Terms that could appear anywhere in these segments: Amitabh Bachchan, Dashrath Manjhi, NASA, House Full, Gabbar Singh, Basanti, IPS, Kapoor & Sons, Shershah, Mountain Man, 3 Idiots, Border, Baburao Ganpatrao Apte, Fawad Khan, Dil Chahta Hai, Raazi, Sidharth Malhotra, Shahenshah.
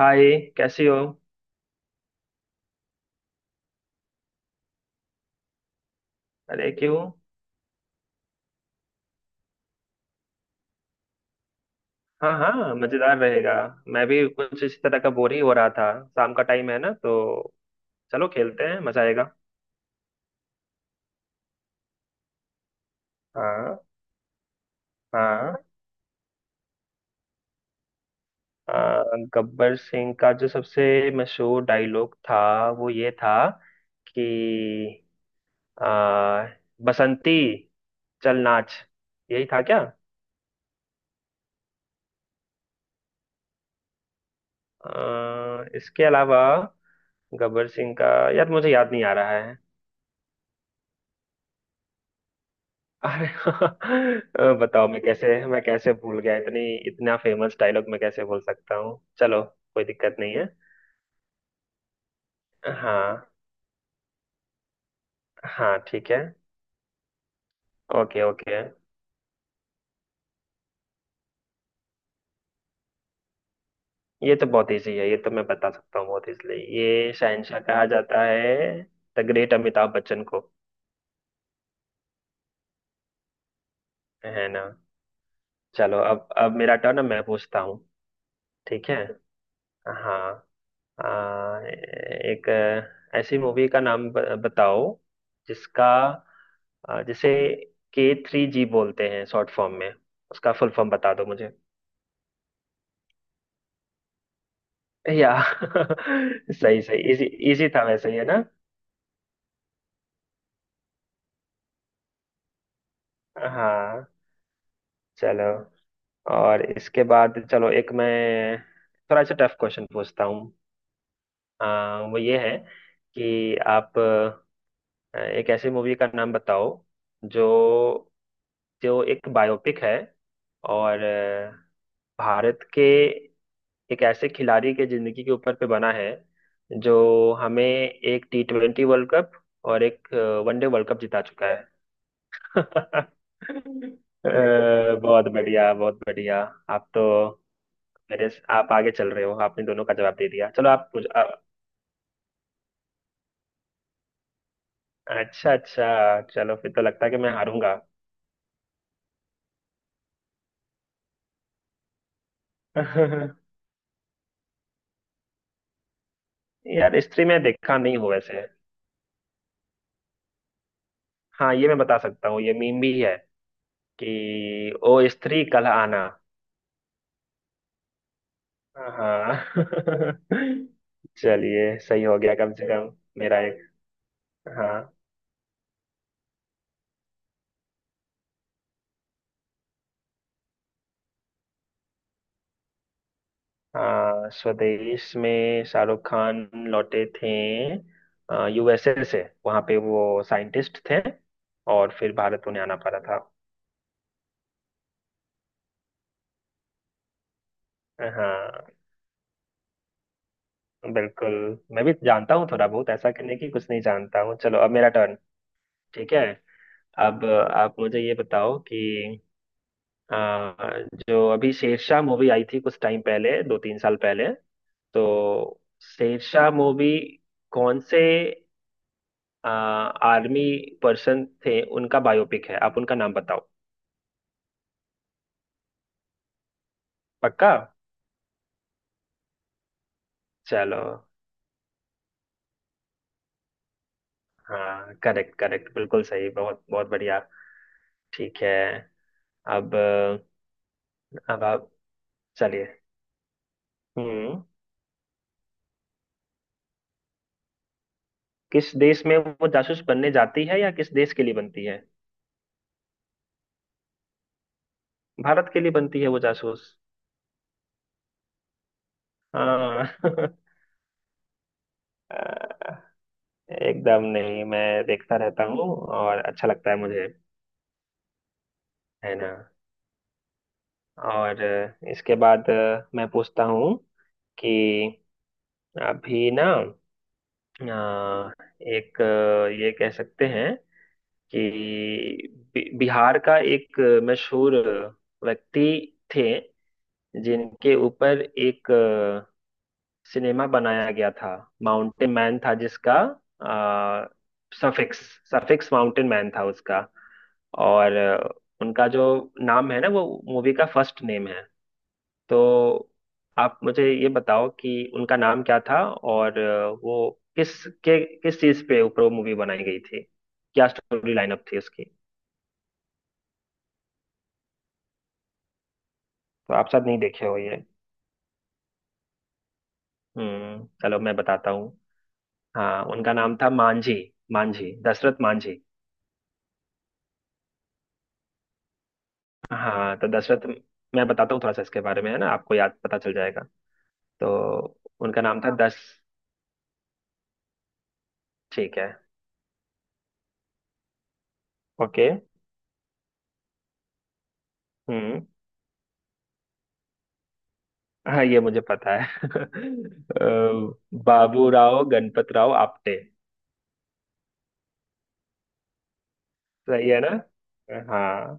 हाय। कैसी हो? अरे क्यों? हाँ हाँ, मजेदार रहेगा। मैं भी कुछ इसी तरह का बोर ही हो रहा था। शाम का टाइम है ना, तो चलो खेलते हैं, मजा आएगा। हाँ हाँ। आ, गब्बर सिंह का जो सबसे मशहूर डायलॉग था वो ये था कि आ, बसंती चल नाच। यही था क्या? इसके अलावा गब्बर सिंह का, यार मुझे याद नहीं आ रहा है। अरे बताओ, मैं कैसे भूल गया इतनी इतना फेमस डायलॉग मैं कैसे भूल सकता हूँ। चलो, कोई दिक्कत नहीं है। हाँ हाँ ठीक है। Okay okay. ये तो बहुत इजी है, ये तो मैं बता सकता हूँ बहुत इजीली। ये शहनशाह कहा जाता है द ग्रेट अमिताभ बच्चन को। है ना? चलो अब मेरा टर्न, मैं पूछता हूँ। ठीक है। हाँ। आ, एक ऐसी मूवी का नाम बताओ जिसका, जिसे K3G बोलते हैं शॉर्ट फॉर्म में, उसका फुल फॉर्म बता दो मुझे। या सही सही, इजी। इजी था वैसे ये ना। हाँ चलो। और इसके बाद चलो एक मैं थोड़ा सा टफ क्वेश्चन पूछता हूँ। वो ये है कि आप एक ऐसी मूवी का नाम बताओ जो, जो एक बायोपिक है, और भारत के एक ऐसे खिलाड़ी के जिंदगी के ऊपर पे बना है जो हमें एक T20 वर्ल्ड कप और एक वनडे वर्ल्ड कप जिता चुका है। अ, बहुत बढ़िया, बहुत बढ़िया। आप तो मेरे से- आप आगे चल रहे हो, आपने दोनों का जवाब दे दिया। चलो आप पूछ अच्छा अच्छा। चलो फिर तो लगता है कि मैं हारूंगा। यार, स्त्री में देखा नहीं हूं वैसे। हाँ ये मैं बता सकता हूँ, ये मीम भी है, कि ओ स्त्री कल आना। हाँ चलिए सही हो गया कम से कम। मेरा एक। हाँ हाँ। स्वदेश में शाहरुख खान लौटे थे यूएसए से। वहाँ पे वो साइंटिस्ट थे और फिर भारत उन्हें आना पड़ा था। हाँ बिल्कुल। मैं भी जानता हूँ थोड़ा बहुत, ऐसा करने की कुछ नहीं जानता हूँ। चलो अब मेरा टर्न। ठीक है। अब आप मुझे ये बताओ कि आ, जो अभी शेरशाह मूवी आई थी कुछ टाइम पहले, दो तीन साल पहले, तो शेरशाह मूवी कौन से आर्मी पर्सन थे, उनका बायोपिक है, आप उनका नाम बताओ। पक्का? चलो। हाँ करेक्ट करेक्ट, बिल्कुल सही, बहुत बहुत बढ़िया। ठीक है। अब अब आप, चलिए। हम्म। किस देश में वो जासूस बनने जाती है, या किस देश के लिए बनती है? भारत के लिए बनती है वो जासूस। हाँ एकदम नहीं, मैं देखता रहता हूँ और अच्छा लगता है मुझे। है ना? और इसके बाद मैं पूछता हूँ कि अभी ना अ, एक, ये कह सकते हैं कि बिहार का एक मशहूर व्यक्ति थे, जिनके ऊपर एक सिनेमा बनाया गया था। माउंटेन मैन था जिसका अ, सफिक्स, सफिक्स माउंटेन मैन था उसका। और उनका जो नाम है ना, वो मूवी का फर्स्ट नेम है। तो आप मुझे ये बताओ कि उनका नाम क्या था, और वो किस, के किस चीज पे ऊपर वो मूवी बनाई गई थी, क्या स्टोरी लाइनअप थी उसकी। तो आप शायद नहीं देखे हो ये। हम्म, चलो मैं बताता हूँ। हाँ, उनका नाम था मांझी, मांझी, दशरथ मांझी। हाँ, तो दशरथ, मैं बताता हूँ थोड़ा सा इसके बारे में, है ना, आपको याद, पता चल जाएगा। तो उनका नाम था दश ठीक है। ओके। हम्म। हाँ ये मुझे पता है। अ, बाबूराव गणपतराव आपटे। सही है ना? हाँ।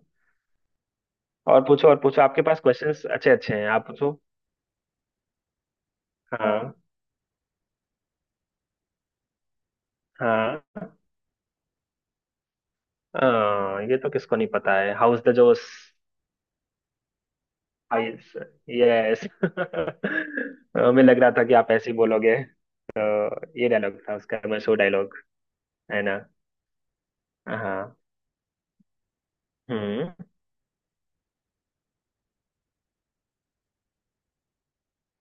और पूछो और पूछो, आपके पास क्वेश्चंस अच्छे अच्छे हैं, आप पूछो। हाँ। हाँ हाँ, ये तो किसको नहीं पता है, how's the josh, ice, yes. हमें लग रहा था कि आप ऐसे ही बोलोगे। तो ये डायलॉग था उसका, मशहूर डायलॉग। है ना? हाँ। हम्म।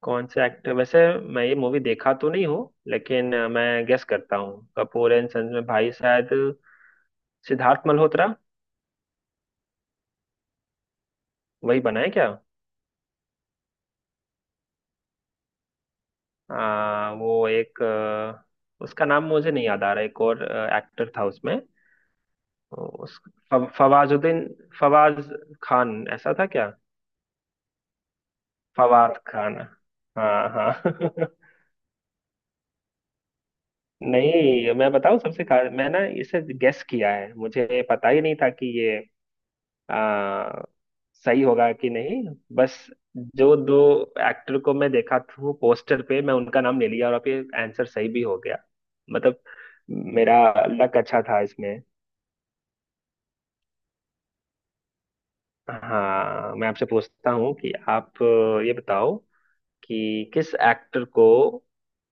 कौन से एक्टर, वैसे मैं ये मूवी देखा तो नहीं हूँ, लेकिन मैं गेस करता हूँ कपूर एंड सन्स में भाई शायद सिद्धार्थ मल्होत्रा, वही बना है क्या? वो एक, उसका नाम मुझे नहीं याद आ रहा, एक और एक्टर था उसमें, उस, फवाजुद्दीन, फवाज खान, ऐसा था क्या? फवाद खान। हाँ हाँ। नहीं मैं बताऊं, सबसे खा, मैं ना इसे गेस किया है, मुझे पता ही नहीं था कि ये आ, सही होगा कि नहीं, बस जो दो एक्टर को मैं देखा था पोस्टर पे, मैं उनका नाम ले लिया, और अब ये आंसर सही भी हो गया। मतलब मेरा लक अच्छा था इसमें। हाँ मैं आपसे पूछता हूँ कि आप ये बताओ कि किस एक्टर को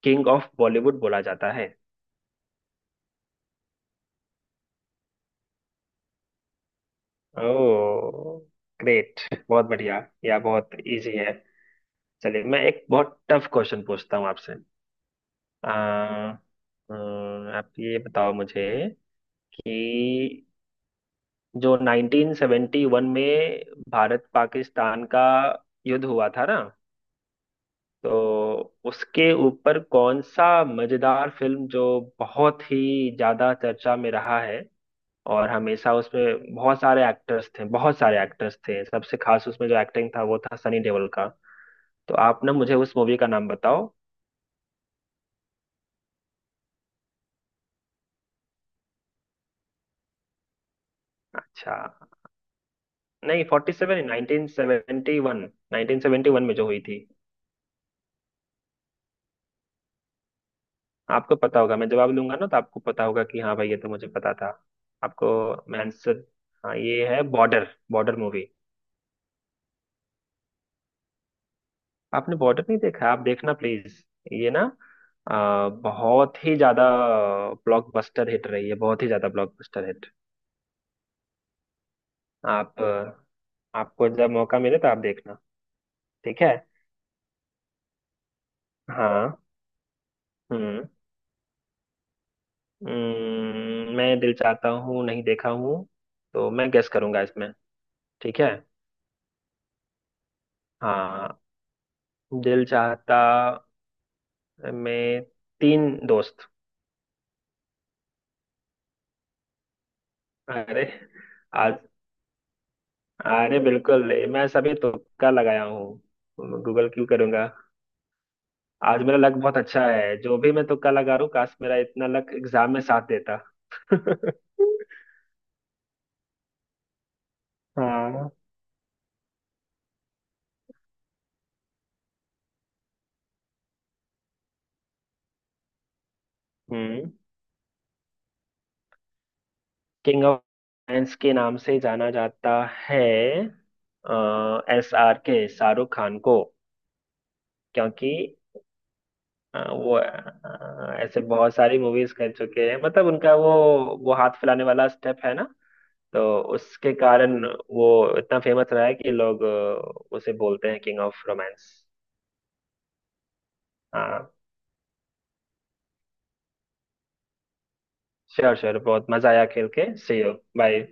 किंग ऑफ बॉलीवुड बोला जाता है। ओह ग्रेट, बहुत बढ़िया। या बहुत इजी है। चलिए मैं एक बहुत टफ क्वेश्चन पूछता हूँ आपसे। आ, आप ये बताओ मुझे, कि जो 1971 में भारत पाकिस्तान का युद्ध हुआ था ना, तो उसके ऊपर कौन सा मजेदार फिल्म जो बहुत ही ज्यादा चर्चा में रहा है, और हमेशा उसमें बहुत सारे एक्टर्स थे, बहुत सारे एक्टर्स थे, सबसे खास उसमें जो एक्टिंग था वो था सनी देओल का। तो आप ना मुझे उस मूवी का नाम बताओ। अच्छा नहीं, 47, 1971, 1971 में जो हुई थी। आपको पता होगा, मैं जवाब लूंगा ना तो आपको पता होगा कि हाँ भाई ये तो मुझे पता था। आपको मैं आंसर, हाँ ये है बॉर्डर, बॉर्डर मूवी। आपने बॉर्डर नहीं देखा है? आप देखना प्लीज। ये ना बहुत ही ज्यादा ब्लॉकबस्टर हिट रही है, बहुत ही ज्यादा ब्लॉकबस्टर हिट। आपको जब मौका मिले तो आप देखना। ठीक है। हाँ। हम्म। मैं दिल चाहता हूँ नहीं देखा हूँ, तो मैं गेस करूंगा इसमें। ठीक है। हाँ। दिल चाहता में तीन दोस्त। अरे, आज, अरे बिल्कुल, मैं सभी तुक्का लगाया हूँ। गूगल क्यों करूंगा? आज मेरा लक बहुत अच्छा है, जो भी मैं तुक्का लगा रहा हूँ। काश मेरा इतना लक एग्जाम में साथ देता। हाँ। हम्म। किंग ऑफ साइंस के नाम से जाना जाता है, SRK, शाहरुख खान को। क्योंकि वो ऐसे बहुत सारी मूवीज कर चुके हैं, मतलब उनका वो हाथ फैलाने वाला स्टेप है ना, तो उसके कारण वो इतना फेमस रहा है कि लोग उसे बोलते हैं king of romance. Sure sure, बहुत मजा आया खेल के। See you. बाय।